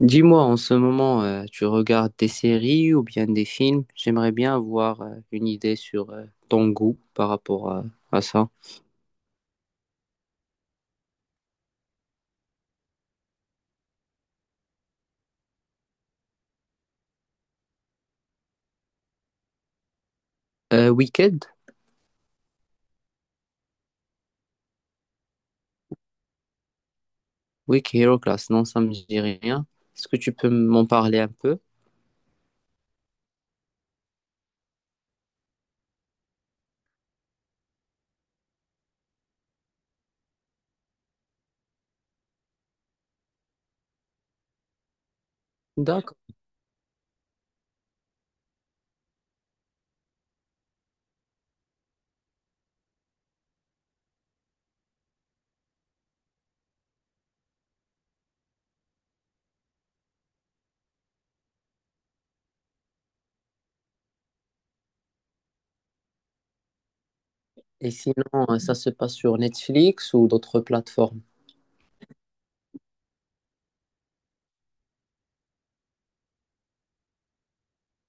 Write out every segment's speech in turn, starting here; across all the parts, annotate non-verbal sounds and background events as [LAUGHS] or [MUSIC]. Dis-moi, en ce moment, tu regardes des séries ou bien des films? J'aimerais bien avoir une idée sur ton goût par rapport à ça. Wicked? Wicked Hero Class, non, ça me dit rien. Est-ce que tu peux m'en parler un peu? D'accord. Et sinon, ça se passe sur Netflix ou d'autres plateformes?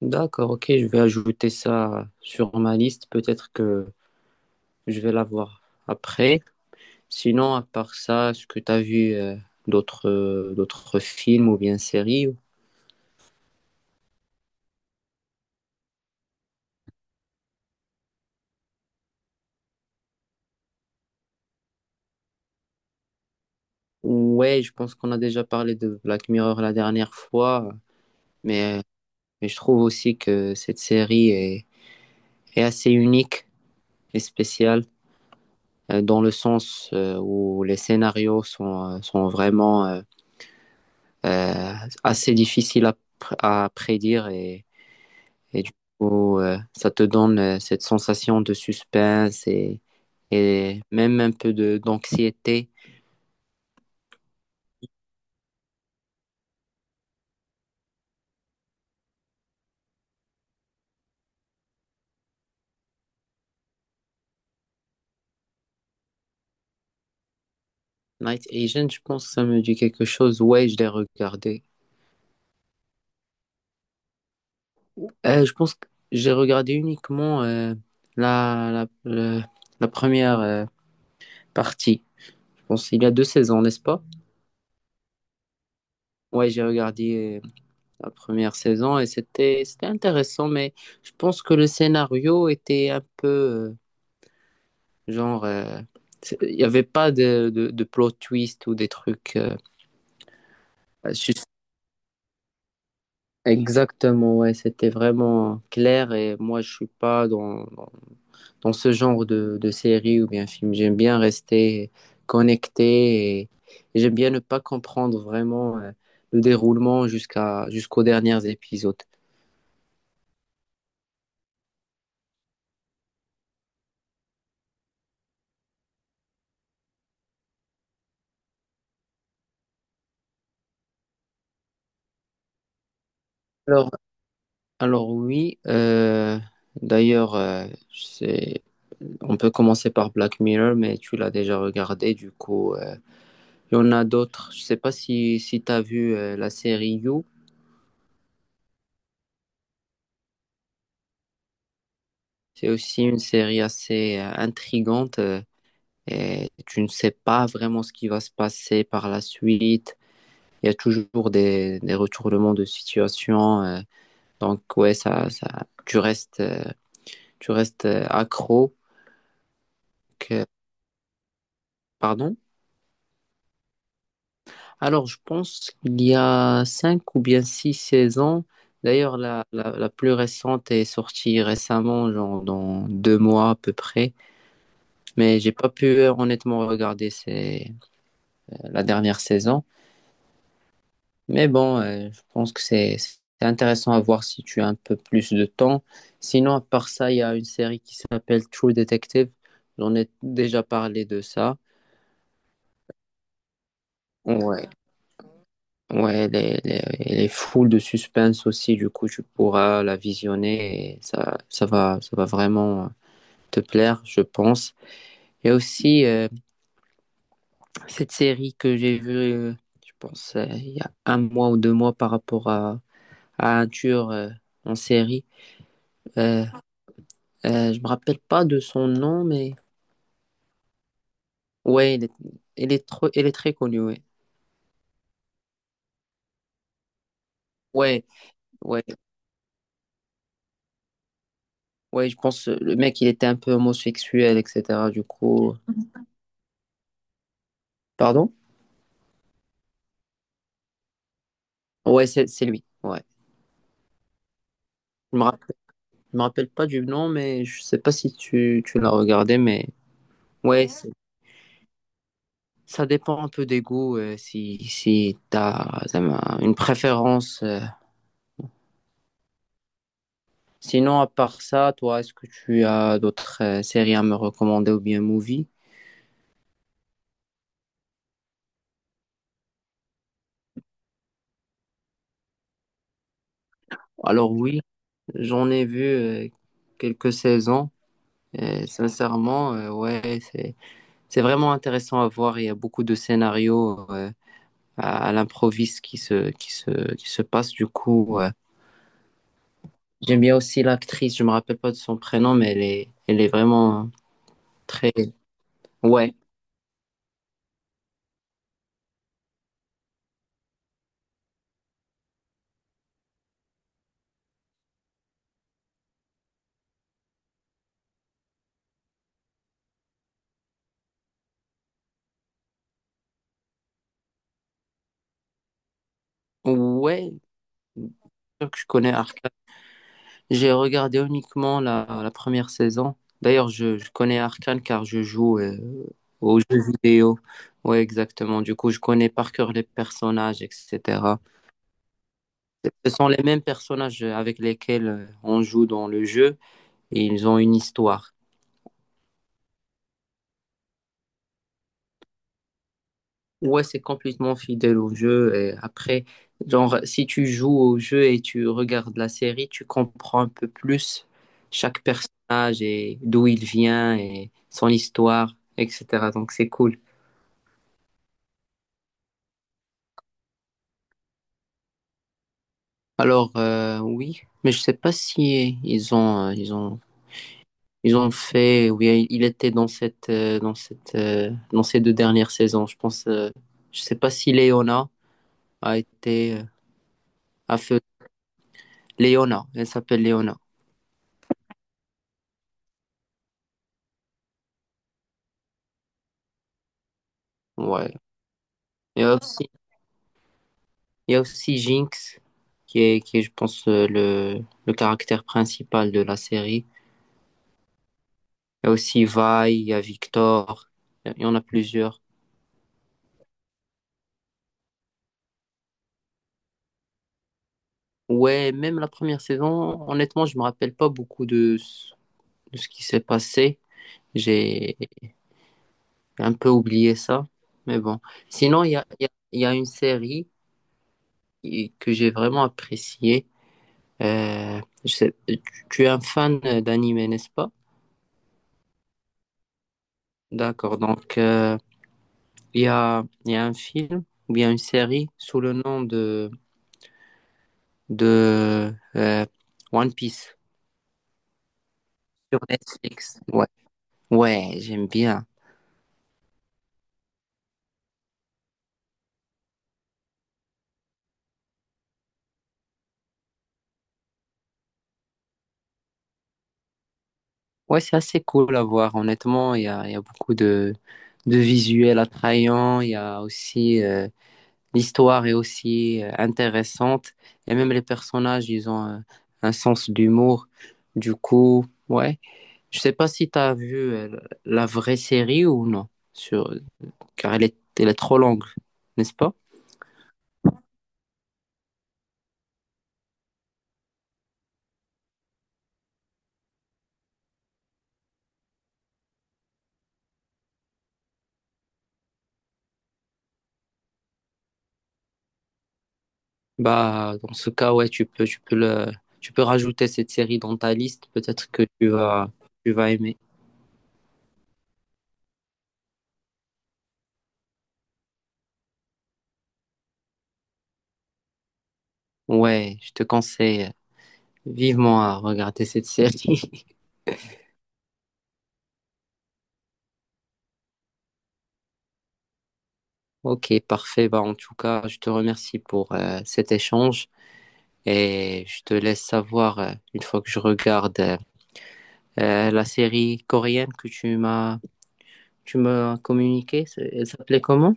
D'accord, ok, je vais ajouter ça sur ma liste. Peut-être que je vais la voir après. Sinon, à part ça, est-ce que tu as vu d'autres d'autres films ou bien séries? Ouais, je pense qu'on a déjà parlé de Black Mirror la dernière fois, mais, mais je trouve aussi que cette série est, est assez unique et spéciale dans le sens où les scénarios sont, sont vraiment euh, assez difficiles à, à prédire et du coup, ça te donne cette sensation de suspense et même un peu de d'anxiété. Night Agent, je pense que ça me dit quelque chose. Ouais, je l'ai regardé. Je pense que j'ai regardé uniquement la, la, le- la première partie. Je pense qu'il y a deux saisons, n'est-ce pas? Ouais, j'ai regardé la première saison et c'était intéressant, mais je pense que le scénario était un peu genre il n'y avait pas de plot twist ou des trucs. Sus- Exactement, ouais, c'était vraiment clair et moi je suis pas dans dans ce genre de série ou bien film. J'aime bien rester connecté et j'aime bien ne pas comprendre vraiment le déroulement jusqu'aux derniers épisodes. Alors, alors oui, d'ailleurs, c'est, on peut commencer par Black Mirror, mais tu l'as déjà regardé, du coup, il y en a d'autres. Je sais pas si, si tu as vu la série You. C'est aussi une série assez intrigante. Et tu ne sais pas vraiment ce qui va se passer par la suite. Il y a toujours des retournements de situation. Donc, ouais, ça, tu restes, euh, tu restes accro. que- Pardon. Alors, je pense qu'il y a cinq ou bien six saisons. D'ailleurs, la plus récente est sortie récemment, genre dans deux mois à peu près. Mais j'ai pas pu honnêtement regarder la dernière saison. Mais bon, je pense que c'est intéressant à voir si tu as un peu plus de temps. Sinon, à part ça, il y a une série qui s'appelle True Detective. J'en ai déjà parlé de ça. Ouais, ouais, elle est, elle est full de suspense aussi. Du coup, tu pourras la visionner et ça, ça va vraiment te plaire, je pense. Il y a aussi cette série que j'ai vue, je pense, il y a un mois ou deux mois par rapport à un tueur en série. Euh, je me rappelle pas de son nom, mais ouais, il est, il est très connu, ouais. Ouais, ouais, ouais, je pense le mec, il était un peu homosexuel, etc. Du coup, pardon? Ouais, c'est lui. Ouais. Je me rappelle, je me rappelle pas du nom, mais je sais pas si tu, tu l'as regardé, mais ouais, ça dépend un peu des goûts, si si t'as une préférence. Sinon, à part ça, toi, est-ce que tu as d'autres séries à me recommander ou bien movies? Alors oui, j'en ai vu quelques saisons. Et sincèrement, ouais, c'est vraiment intéressant à voir. Il y a beaucoup de scénarios à l'improviste qui se passent. Du coup, ouais. J'aime bien aussi l'actrice. Je me rappelle pas de son prénom, mais elle est vraiment très ouais ouais. Donc, je connais Arca. J'ai regardé uniquement la, la première saison. D'ailleurs, je connais Arcane car je joue aux jeux vidéo. Oui, exactement. Du coup, je connais par cœur les personnages, etc. Ce sont les mêmes personnages avec lesquels on joue dans le jeu et ils ont une histoire. Ouais, c'est complètement fidèle au jeu. Et après, genre, si tu joues au jeu et tu regardes la série, tu comprends un peu plus chaque personnage et d'où il vient et son histoire, etc. Donc, c'est cool. Alors, oui, mais je sais pas si ils ont fait. Oui, il était dans ces deux dernières saisons. Je pense, je sais pas si Léona a été, a fait Léona. Elle s'appelle Léona. Ouais. Et aussi. Il y a aussi Jinx, qui est, je pense, le caractère principal de la série. Il y a aussi Vi, il y a Victor, il y en a plusieurs. Ouais, même la première saison, honnêtement, je me rappelle pas beaucoup de ce qui s'est passé. J'ai un peu oublié ça. Mais bon. Sinon, il y a, il y a une série que j'ai vraiment appréciée. Tu tu es un fan d'anime, n'est-ce pas? D'accord. Donc, il y a, il y a un film ou bien une série sous le nom de, de euh, One Piece sur Netflix. Ouais, ouais, j'aime bien. Ouais, c'est assez cool à voir. Honnêtement, il y a beaucoup de visuels attrayants. Il y a aussi l'histoire est aussi intéressante. Et même les personnages, ils ont un sens d'humour. Du coup, ouais. Je sais pas si tu as vu la vraie série ou non sur car elle est trop longue, n'est-ce pas? Bah, dans ce cas, ouais, tu peux le, tu peux rajouter cette série dans ta liste. Peut-être que tu vas aimer. Ouais, je te conseille vivement à regarder cette série. [LAUGHS] Ok, parfait. Bah, en tout cas, je te remercie pour cet échange et je te laisse savoir une fois que je regarde la série coréenne que tu m'as communiquée. C'est- Elle s'appelait comment?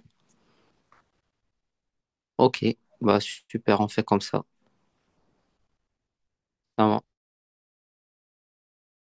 Ok, bah super, on fait comme ça. Ça marche.